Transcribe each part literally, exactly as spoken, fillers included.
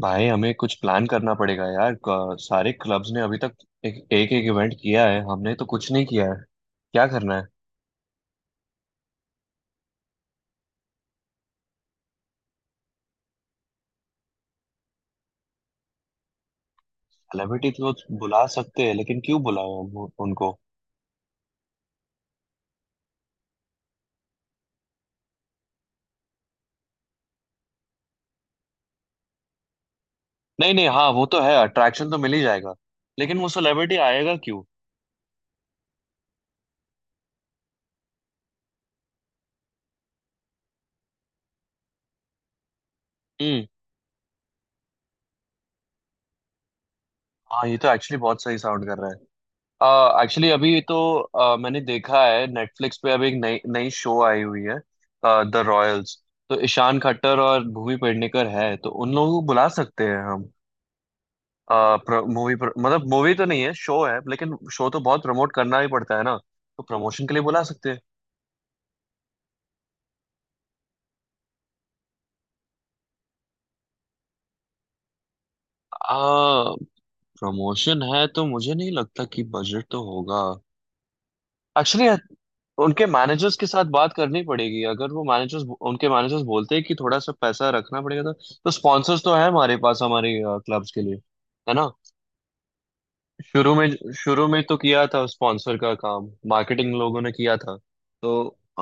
भाई, हमें कुछ प्लान करना पड़ेगा यार। क- सारे क्लब्स ने अभी तक एक एक, एक इवेंट किया है। हमने तो कुछ नहीं किया है। क्या करना है? सेलिब्रिटी तो बुला सकते हैं, लेकिन क्यों बुलाए हम वो- उनको। नहीं नहीं, हाँ, वो तो है, अट्रैक्शन तो मिल ही जाएगा। लेकिन वो सेलिब्रिटी आएगा क्यों? हम्म। हाँ, ये तो एक्चुअली बहुत सही साउंड कर रहा है। एक्चुअली अभी तो अ, मैंने देखा है नेटफ्लिक्स पे अभी एक नई नई शो आई हुई है। The Royals. तो ईशान खट्टर और भूमि पेडनेकर है, तो उन लोगों को बुला सकते हैं हम। मूवी मतलब मूवी तो नहीं है, शो है। लेकिन शो तो बहुत प्रमोट करना ही पड़ता है ना। तो प्रमोशन के लिए बुला सकते हैं। आ प्रमोशन है तो मुझे नहीं लगता कि बजट तो होगा एक्चुअली। उनके मैनेजर्स के साथ बात करनी पड़ेगी। अगर वो मैनेजर्स उनके मैनेजर्स बोलते हैं कि थोड़ा सा पैसा रखना पड़ेगा, तो तो स्पॉन्सर्स तो है हमारे पास, हमारे क्लब्स के लिए। है ना? शुरू में, शुरू में तो किया था स्पॉन्सर का काम, मार्केटिंग लोगों ने किया था। तो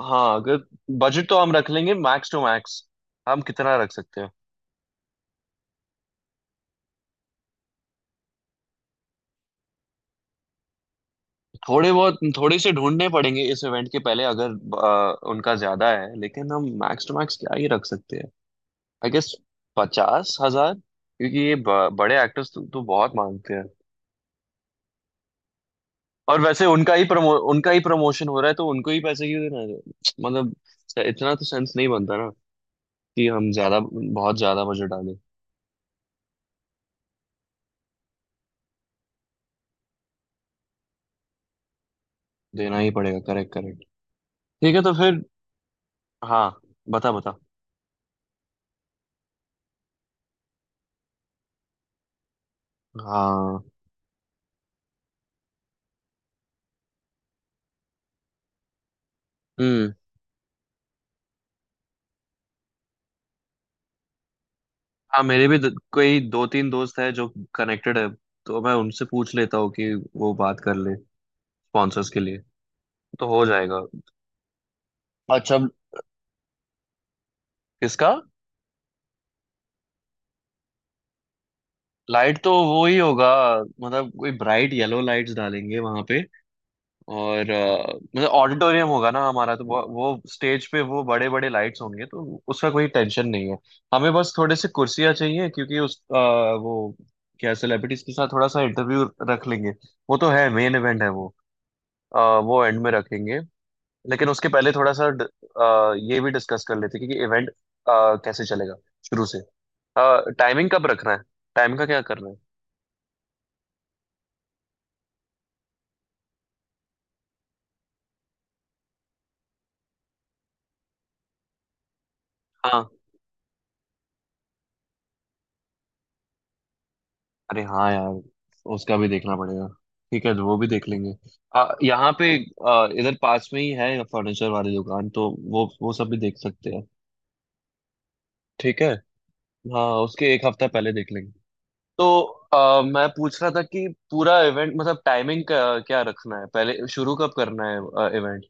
हाँ, अगर बजट तो हम रख लेंगे मैक्स टू मैक्स। हम कितना रख सकते हैं? थोड़े बहुत, थोड़े से ढूंढने पड़ेंगे इस इवेंट के पहले अगर। अ, उनका ज्यादा है, लेकिन हम मैक्स टू मैक्स क्या ही रख सकते हैं, आई गेस पचास हजार। क्योंकि ये ब, बड़े एक्टर्स तो, तो बहुत मांगते हैं। और वैसे उनका ही प्रमो उनका ही प्रमोशन हो रहा है, तो उनको ही पैसे क्यों देना है? मतलब इतना तो सेंस नहीं बनता कि हम ज्यादा, बहुत ज्यादा बजट डालें। देना ही पड़ेगा, करेक्ट करेक्ट। ठीक है तो फिर। हाँ, बता बता। हाँ। हम्म। हाँ, मेरे भी द- कोई दो तीन दोस्त है जो कनेक्टेड है। तो मैं उनसे पूछ लेता हूँ कि वो बात कर ले स्पॉन्सर्स के लिए। तो हो जाएगा। अच्छा। किसका? लाइट तो वो ही होगा, मतलब कोई ब्राइट येलो लाइट्स डालेंगे वहां पे। और अ, मतलब ऑडिटोरियम होगा ना हमारा, तो वो, वो स्टेज पे वो बड़े बड़े लाइट्स होंगे, तो उसका कोई टेंशन नहीं है। हमें बस थोड़े से कुर्सियाँ चाहिए, क्योंकि उस अ, वो क्या, सेलिब्रिटीज के साथ थोड़ा सा इंटरव्यू रख लेंगे। वो तो है, मेन इवेंट है वो। अ, वो एंड में रखेंगे। लेकिन उसके पहले थोड़ा सा ड- अ, ये भी डिस्कस कर लेते हैं कि इवेंट कैसे चलेगा। शुरू से टाइमिंग कब रखना है, टाइम का क्या करना है। हाँ। अरे हाँ यार। उसका भी देखना पड़ेगा। ठीक है, तो वो भी देख लेंगे। आ, यहाँ पे। आ, इधर पास में ही है फर्नीचर वाली दुकान, तो वो वो सब भी देख सकते हैं। ठीक है। हाँ, उसके एक हफ्ता पहले देख लेंगे। तो आ, मैं पूछ रहा था कि पूरा इवेंट मतलब टाइमिंग का क्या रखना है, पहले शुरू कब करना है इवेंट।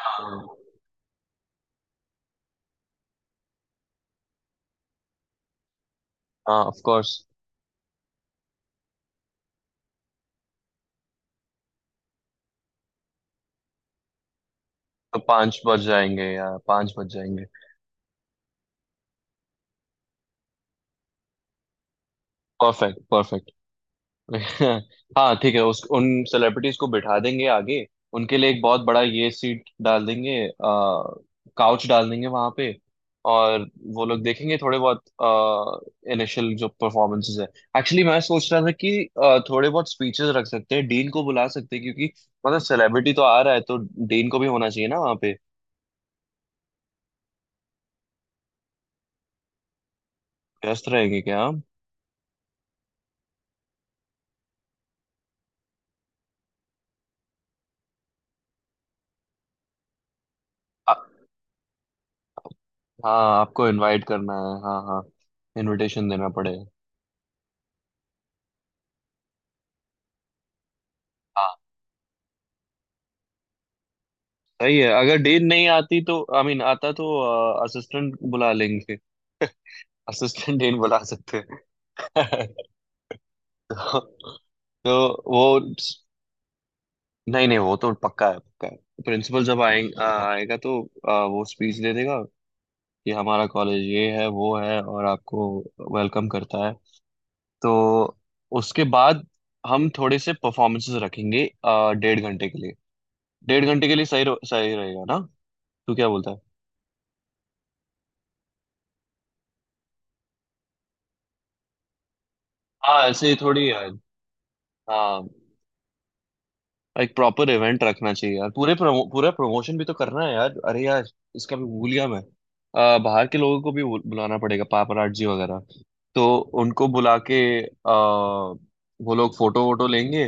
हाँ। Of course. तो पाँच बज जाएंगे या पाँच बज जाएंगे। Perfect perfect. हाँ ठीक है, उस उन सेलिब्रिटीज को बिठा देंगे आगे। उनके लिए एक बहुत बड़ा ये सीट डाल देंगे, काउच डाल देंगे वहां पे। और वो लोग देखेंगे थोड़े बहुत इनिशियल जो परफॉर्मेंसेस है। एक्चुअली मैं सोच रहा था कि अ, थोड़े बहुत स्पीचेस रख सकते हैं, डीन को बुला सकते हैं, क्योंकि मतलब सेलिब्रिटी तो आ रहा है, तो डीन को भी होना चाहिए ना वहाँ पे। व्यस्त रहेंगे क्या हम? आ- हाँ, आपको इनवाइट करना है, हाँ हाँ। इनविटेशन देना पड़ेगा। हाँ। सही है, अगर डेन नहीं आती तो आई मीन आता, तो असिस्टेंट बुला लेंगे। असिस्टेंट डेन बुला सकते हैं। तो, तो वो। नहीं नहीं, वो तो पक्का है, पक्का है। प्रिंसिपल जब आए, आ, आएगा तो आ, वो स्पीच दे देगा कि हमारा कॉलेज ये है, वो है, और आपको वेलकम करता है। तो उसके बाद हम थोड़े से परफॉर्मेंसेस रखेंगे आ, डेढ़ घंटे के लिए। डेढ़ घंटे के लिए सही रहो- सही रहेगा ना? तू क्या बोलता है? हाँ, ऐसे ही थोड़ी है। हाँ। एक प्रॉपर इवेंट रखना चाहिए यार। पूरे promo- पूरा प्रमोशन भी तो करना है यार। अरे यार। इसका भी भूल गया मैं। अ, बाहर के लोगों को भी बुल- बुलाना पड़ेगा, पापराजी वगैरह। तो उनको बुला के अ, वो लोग फोटो वोटो लेंगे,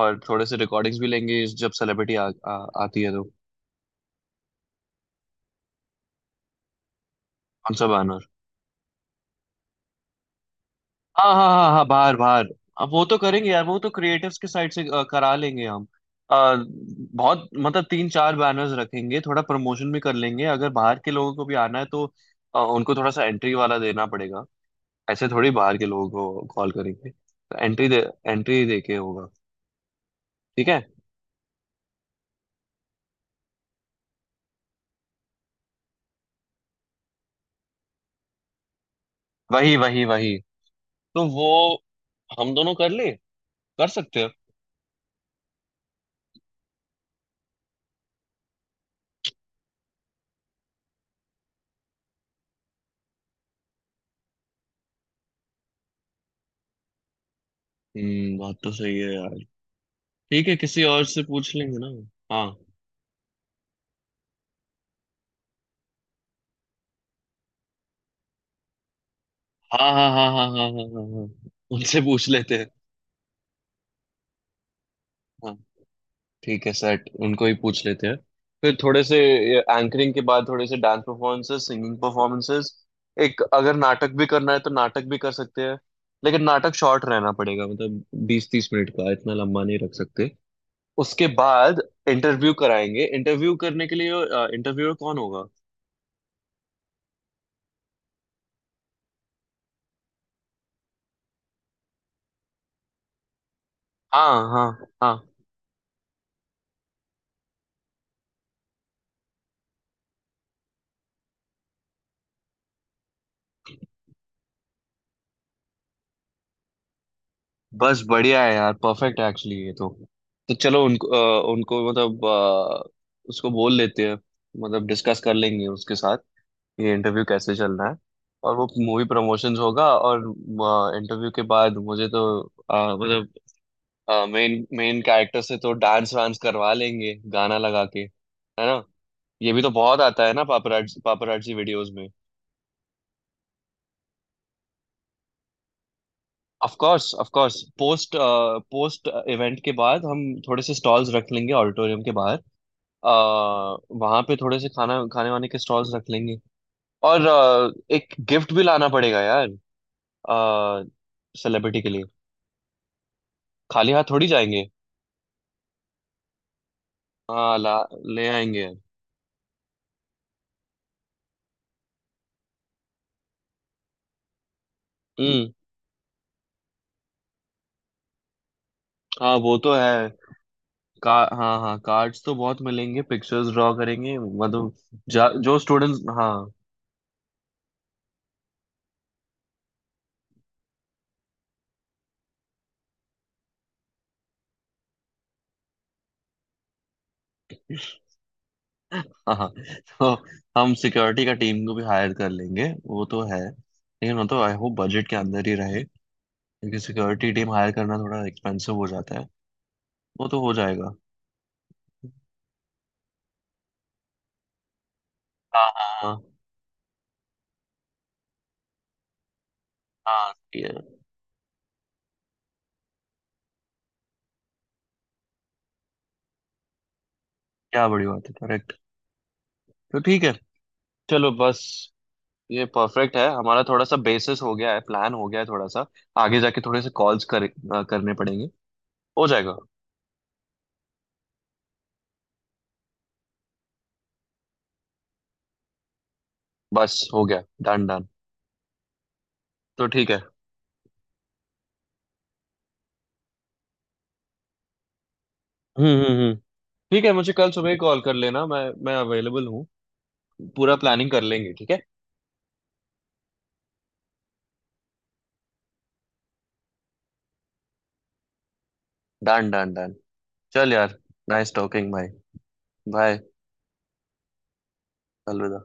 और थोड़े से रिकॉर्डिंग्स भी लेंगे जब सेलिब्रिटी आ, आ, आती है तो। हम सब आना। हाँ हाँ हाँ हाँ, बाहर बाहर। अब वो तो करेंगे यार, वो तो क्रिएटिव्स के साइड से अ, करा लेंगे हम। अ, बहुत मतलब तीन चार बैनर्स रखेंगे, थोड़ा प्रमोशन भी कर लेंगे। अगर बाहर के लोगों को भी आना है तो अ, उनको थोड़ा सा एंट्री वाला देना पड़ेगा। ऐसे थोड़ी बाहर के लोगों को कॉल करेंगे, तो एंट्री दे एंट्री दे के होगा। ठीक है। वही वही वही। तो वो हम दोनों कर ले, कर सकते हैं। हम्म, बात तो सही है यार। ठीक है, किसी और से पूछ लेंगे ना। हाँ हाँ हाँ हाँ हाँ हाँ हाँ हाँ हाँ। हाँ। उनसे पूछ लेते हैं। हाँ ठीक है, सेट उनको ही पूछ लेते हैं। फिर थोड़े से एंकरिंग के बाद थोड़े से डांस परफॉर्मेंसेस, सिंगिंग परफॉर्मेंसेस। एक अगर नाटक भी करना है तो नाटक भी कर सकते हैं। लेकिन नाटक शॉर्ट रहना पड़ेगा, मतलब बीस तीस मिनट का, इतना लंबा नहीं रख सकते। उसके बाद इंटरव्यू कराएंगे। इंटरव्यू करने के लिए इंटरव्यूअर कौन होगा? हाँ हाँ हाँ। बस बढ़िया है यार, परफेक्ट है एक्चुअली ये तो। तो चलो उनको अ, उनको मतलब अ, उसको बोल लेते हैं। मतलब डिस्कस कर लेंगे उसके साथ ये इंटरव्यू कैसे चल रहा है। और वो मूवी प्रमोशंस होगा, और इंटरव्यू के बाद मुझे तो आ, मतलब मेन मेन कैरेक्टर से तो डांस वांस करवा लेंगे गाना लगा के, है ना? ये भी तो बहुत आता है ना पापराज पापराजी वीडियोस में। Of course of course, post post event के बाद हम थोड़े से स्टॉल्स रख लेंगे ऑडिटोरियम के बाहर। आ, वहां पे थोड़े से खाना खाने वाने के स्टॉल्स रख लेंगे। और अ, एक गिफ्ट भी लाना पड़ेगा यार, सेलिब्रिटी के लिए। खाली हाथ थोड़ी जाएंगे। हाँ ला, ले आएंगे। हम्म। हाँ, वो तो है। का हाँ हाँ, कार्ड्स तो बहुत मिलेंगे, पिक्चर्स ड्रॉ करेंगे मतलब। जा- जो स्टूडेंट्स। हाँ। हाँ हाँ। तो हम सिक्योरिटी का टीम को भी हायर कर लेंगे, वो तो है। लेकिन वो तो आई होप बजट के अंदर ही रहे। क्योंकि सिक्योरिटी टीम हायर करना थोड़ा एक्सपेंसिव हो जाता है। वो तो हो जाएगा। हाँ हाँ हाँ। हाँ, ये- क्या बड़ी बात है, करेक्ट। तो ठीक है, चलो बस। ये परफेक्ट है, हमारा थोड़ा सा बेसिस हो गया है, प्लान हो गया है थोड़ा सा। आगे जाके थोड़े से कॉल्स कर, अ, करने पड़ेंगे। हो जाएगा। बस हो गया, डन डन। तो ठीक है। हम्म हम्म हम्म। ठीक है, मुझे कल सुबह ही कॉल कर लेना। मैं मैं अवेलेबल हूँ। पूरा प्लानिंग कर लेंगे, ठीक है। Done done done. चल यार। नाइस टॉकिंग भाई। बाय। अलविदा।